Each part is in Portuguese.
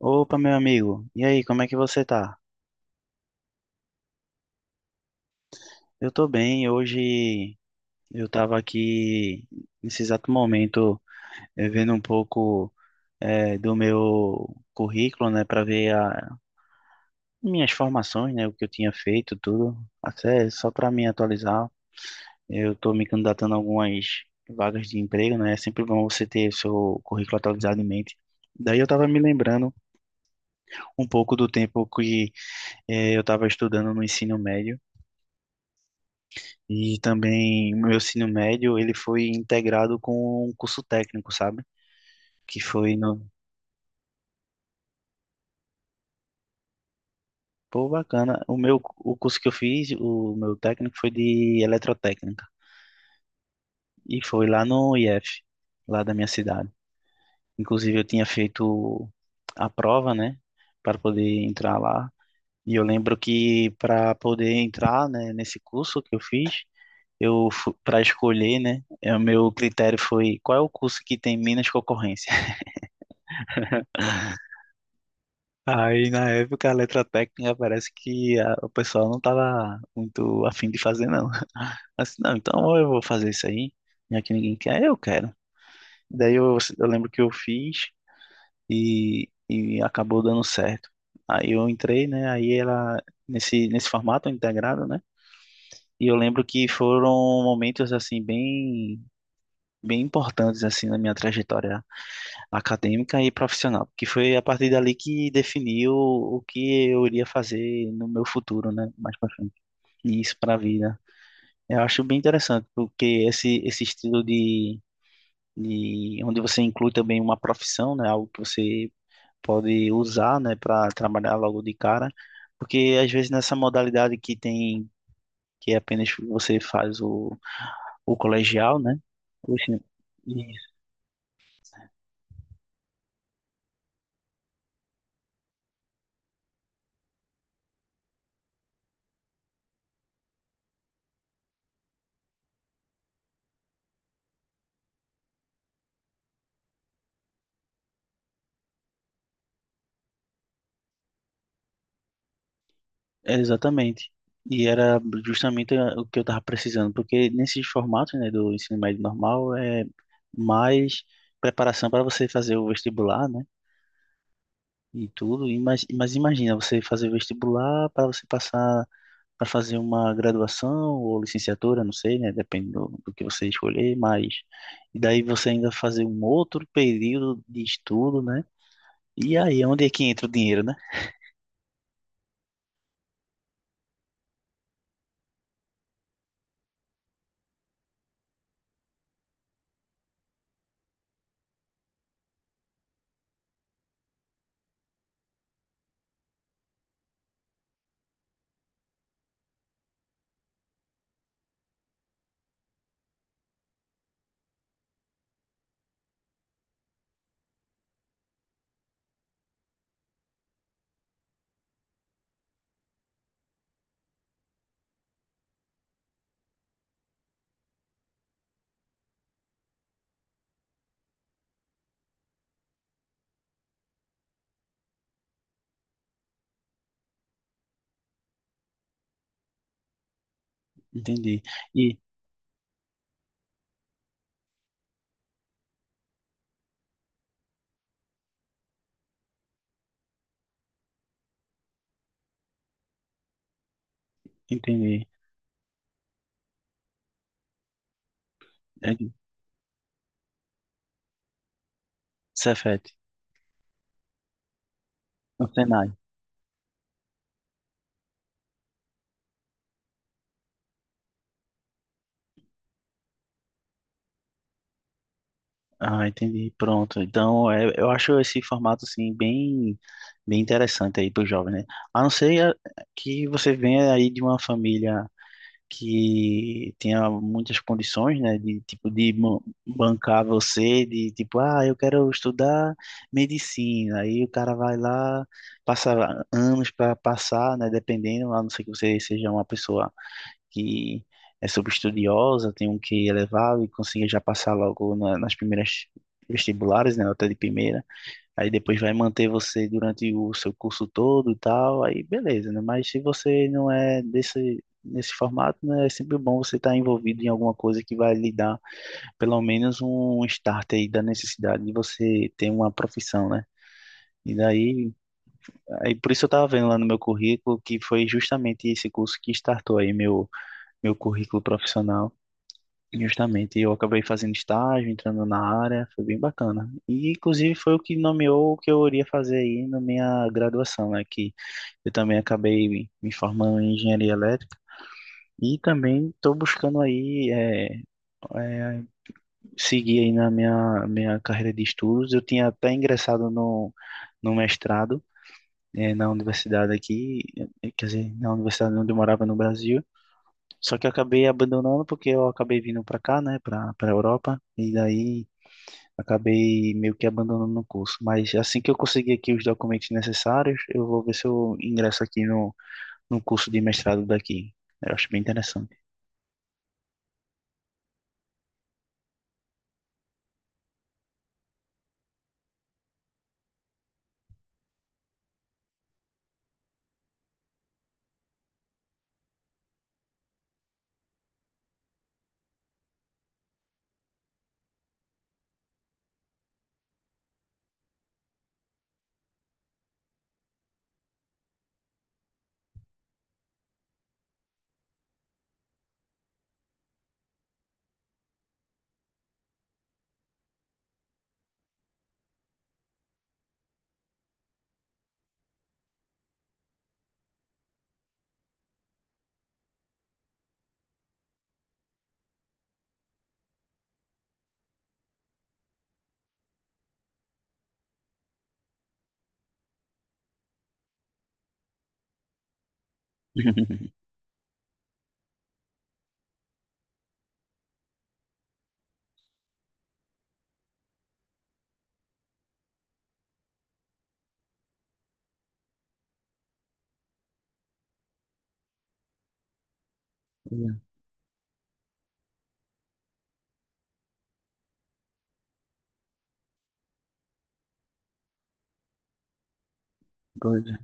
Opa, meu amigo. E aí, como é que você tá? Eu tô bem. Hoje eu tava aqui nesse exato momento vendo um pouco do meu currículo, né, para ver minhas formações, né, o que eu tinha feito, tudo. Até só para me atualizar. Eu tô me candidatando a algumas vagas de emprego, né? É sempre bom você ter o seu currículo atualizado em mente. Daí eu tava me lembrando um pouco do tempo que eu tava estudando no ensino médio. E também o meu ensino médio, ele foi integrado com um curso técnico, sabe? Que foi no... Pô, bacana. O curso que eu fiz, o meu técnico foi de eletrotécnica. E foi lá no IF, lá da minha cidade. Inclusive eu tinha feito a prova, né? Para poder entrar lá. E eu lembro que para poder entrar, né, nesse curso que eu fiz, eu para escolher, né, o meu critério foi qual é o curso que tem menos concorrência. Aí na época a letra técnica parece que o pessoal não tava muito afim de fazer não. Assim, não, então ou eu vou fazer isso aí, já que ninguém quer, eu quero. Daí eu lembro que eu fiz e acabou dando certo. Aí eu entrei, né, aí ela nesse formato integrado, né? E eu lembro que foram momentos assim bem bem importantes assim na minha trajetória acadêmica e profissional, porque foi a partir dali que definiu o que eu iria fazer no meu futuro, né, mais para frente. E isso para a vida. Eu acho bem interessante, porque esse estilo de onde você inclui também uma profissão, né, algo que você pode usar, né, para trabalhar logo de cara, porque às vezes nessa modalidade que tem que é apenas você faz o colegial, né. Poxa, é, exatamente. E era justamente o que eu estava precisando, porque nesses formatos, né, do ensino médio normal é mais preparação para você fazer o vestibular, né, e tudo. E mas imagina você fazer o vestibular para você passar para fazer uma graduação ou licenciatura, não sei, né, depende do que você escolher, mas e daí você ainda fazer um outro período de estudo, né? E aí, é onde é que entra o dinheiro, né? Entendi. E entendi. É, Cefete, no Senai. Ah, entendi. Pronto. Então, é, eu acho esse formato assim bem, bem interessante aí para o jovem, né? A não ser que você venha aí de uma família que tenha muitas condições, né? De tipo bancar você, de tipo, ah, eu quero estudar medicina. Aí o cara vai lá, passa anos para passar, né? Dependendo, a não ser que você seja uma pessoa que é super estudiosa, tem um QI elevado e consegue já passar logo nas primeiras vestibulares, né, nota de primeira. Aí depois vai manter você durante o seu curso todo e tal, aí beleza, né? Mas se você não é desse nesse formato, né, é sempre bom você estar envolvido em alguma coisa que vai lhe dar pelo menos um start aí da necessidade de você ter uma profissão, né? E daí, aí por isso eu estava vendo lá no meu currículo que foi justamente esse curso que startou aí meu currículo profissional. Justamente, eu acabei fazendo estágio, entrando na área, foi bem bacana. E, inclusive, foi o que nomeou o que eu iria fazer aí na minha graduação, né? Que eu também acabei me formando em engenharia elétrica e também estou buscando aí é, seguir aí na minha carreira de estudos. Eu tinha até ingressado no mestrado na universidade aqui, quer dizer, na universidade onde eu morava no Brasil. Só que eu acabei abandonando porque eu acabei vindo para cá, né, para Europa, e daí acabei meio que abandonando o curso, mas assim que eu conseguir aqui os documentos necessários, eu vou ver se eu ingresso aqui no curso de mestrado daqui. Eu acho bem interessante. É, pois é,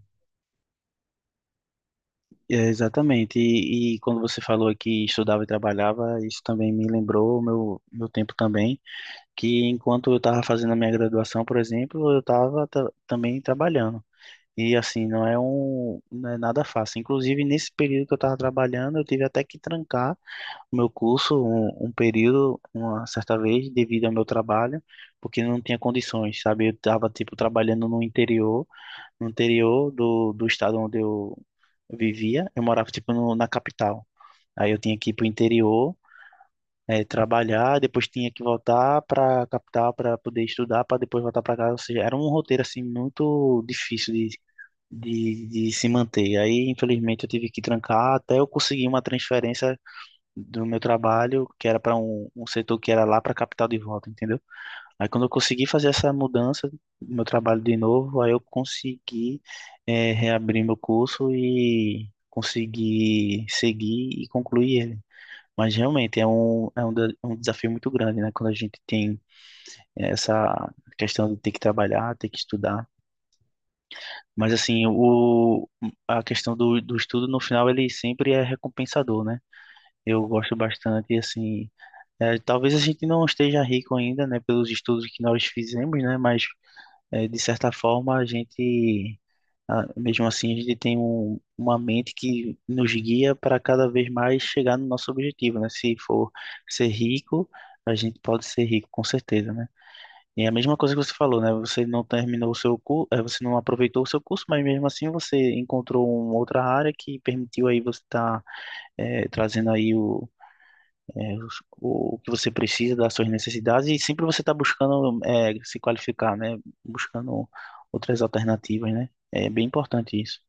é, exatamente. E quando você falou que estudava e trabalhava, isso também me lembrou o meu tempo também, que enquanto eu estava fazendo a minha graduação, por exemplo, eu estava também trabalhando. E assim, não é nada fácil. Inclusive, nesse período que eu estava trabalhando, eu tive até que trancar meu curso um período, uma certa vez, devido ao meu trabalho, porque eu não tinha condições, sabe? Eu estava, tipo, trabalhando no interior, no interior do estado onde eu vivia, eu morava, tipo, no, na capital. Aí eu tinha que ir pro interior, trabalhar, depois tinha que voltar para a capital para poder estudar, para depois voltar para casa. Ou seja, era um roteiro, assim, muito difícil de se manter. Aí, infelizmente, eu tive que trancar até eu conseguir uma transferência do meu trabalho, que era para um setor que era lá para a capital de volta, entendeu? Aí quando eu consegui fazer essa mudança do meu trabalho de novo, aí eu consegui reabrir meu curso e consegui seguir e concluir ele. Mas realmente um desafio muito grande, né? Quando a gente tem essa questão de ter que trabalhar, ter que estudar. Mas assim, a questão do estudo no final ele sempre é recompensador, né? Eu gosto bastante, assim, é, talvez a gente não esteja rico ainda, né, pelos estudos que nós fizemos, né, mas é, de certa forma a gente, ah, mesmo assim, a gente tem uma mente que nos guia para cada vez mais chegar no nosso objetivo, né? Se for ser rico, a gente pode ser rico, com certeza, né? E é a mesma coisa que você falou, né? Você não terminou o seu curso, você não aproveitou o seu curso, mas mesmo assim você encontrou uma outra área que permitiu aí você estar trazendo aí o que você precisa das suas necessidades e sempre você está buscando é, se qualificar, né? Buscando outras alternativas, né? É bem importante isso.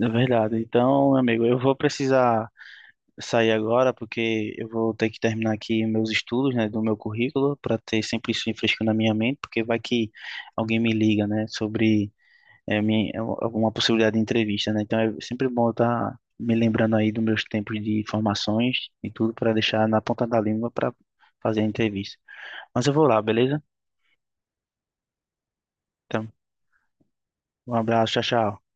É verdade. Então, meu amigo, eu vou precisar sair agora porque eu vou ter que terminar aqui meus estudos, né, do meu currículo para ter sempre isso fresco na minha mente, porque vai que alguém me liga, né, sobre é uma possibilidade de entrevista, né? Então é sempre bom estar me lembrando aí dos meus tempos de formações e tudo para deixar na ponta da língua para fazer a entrevista. Mas eu vou lá, beleza? Então, um abraço, tchau, tchau.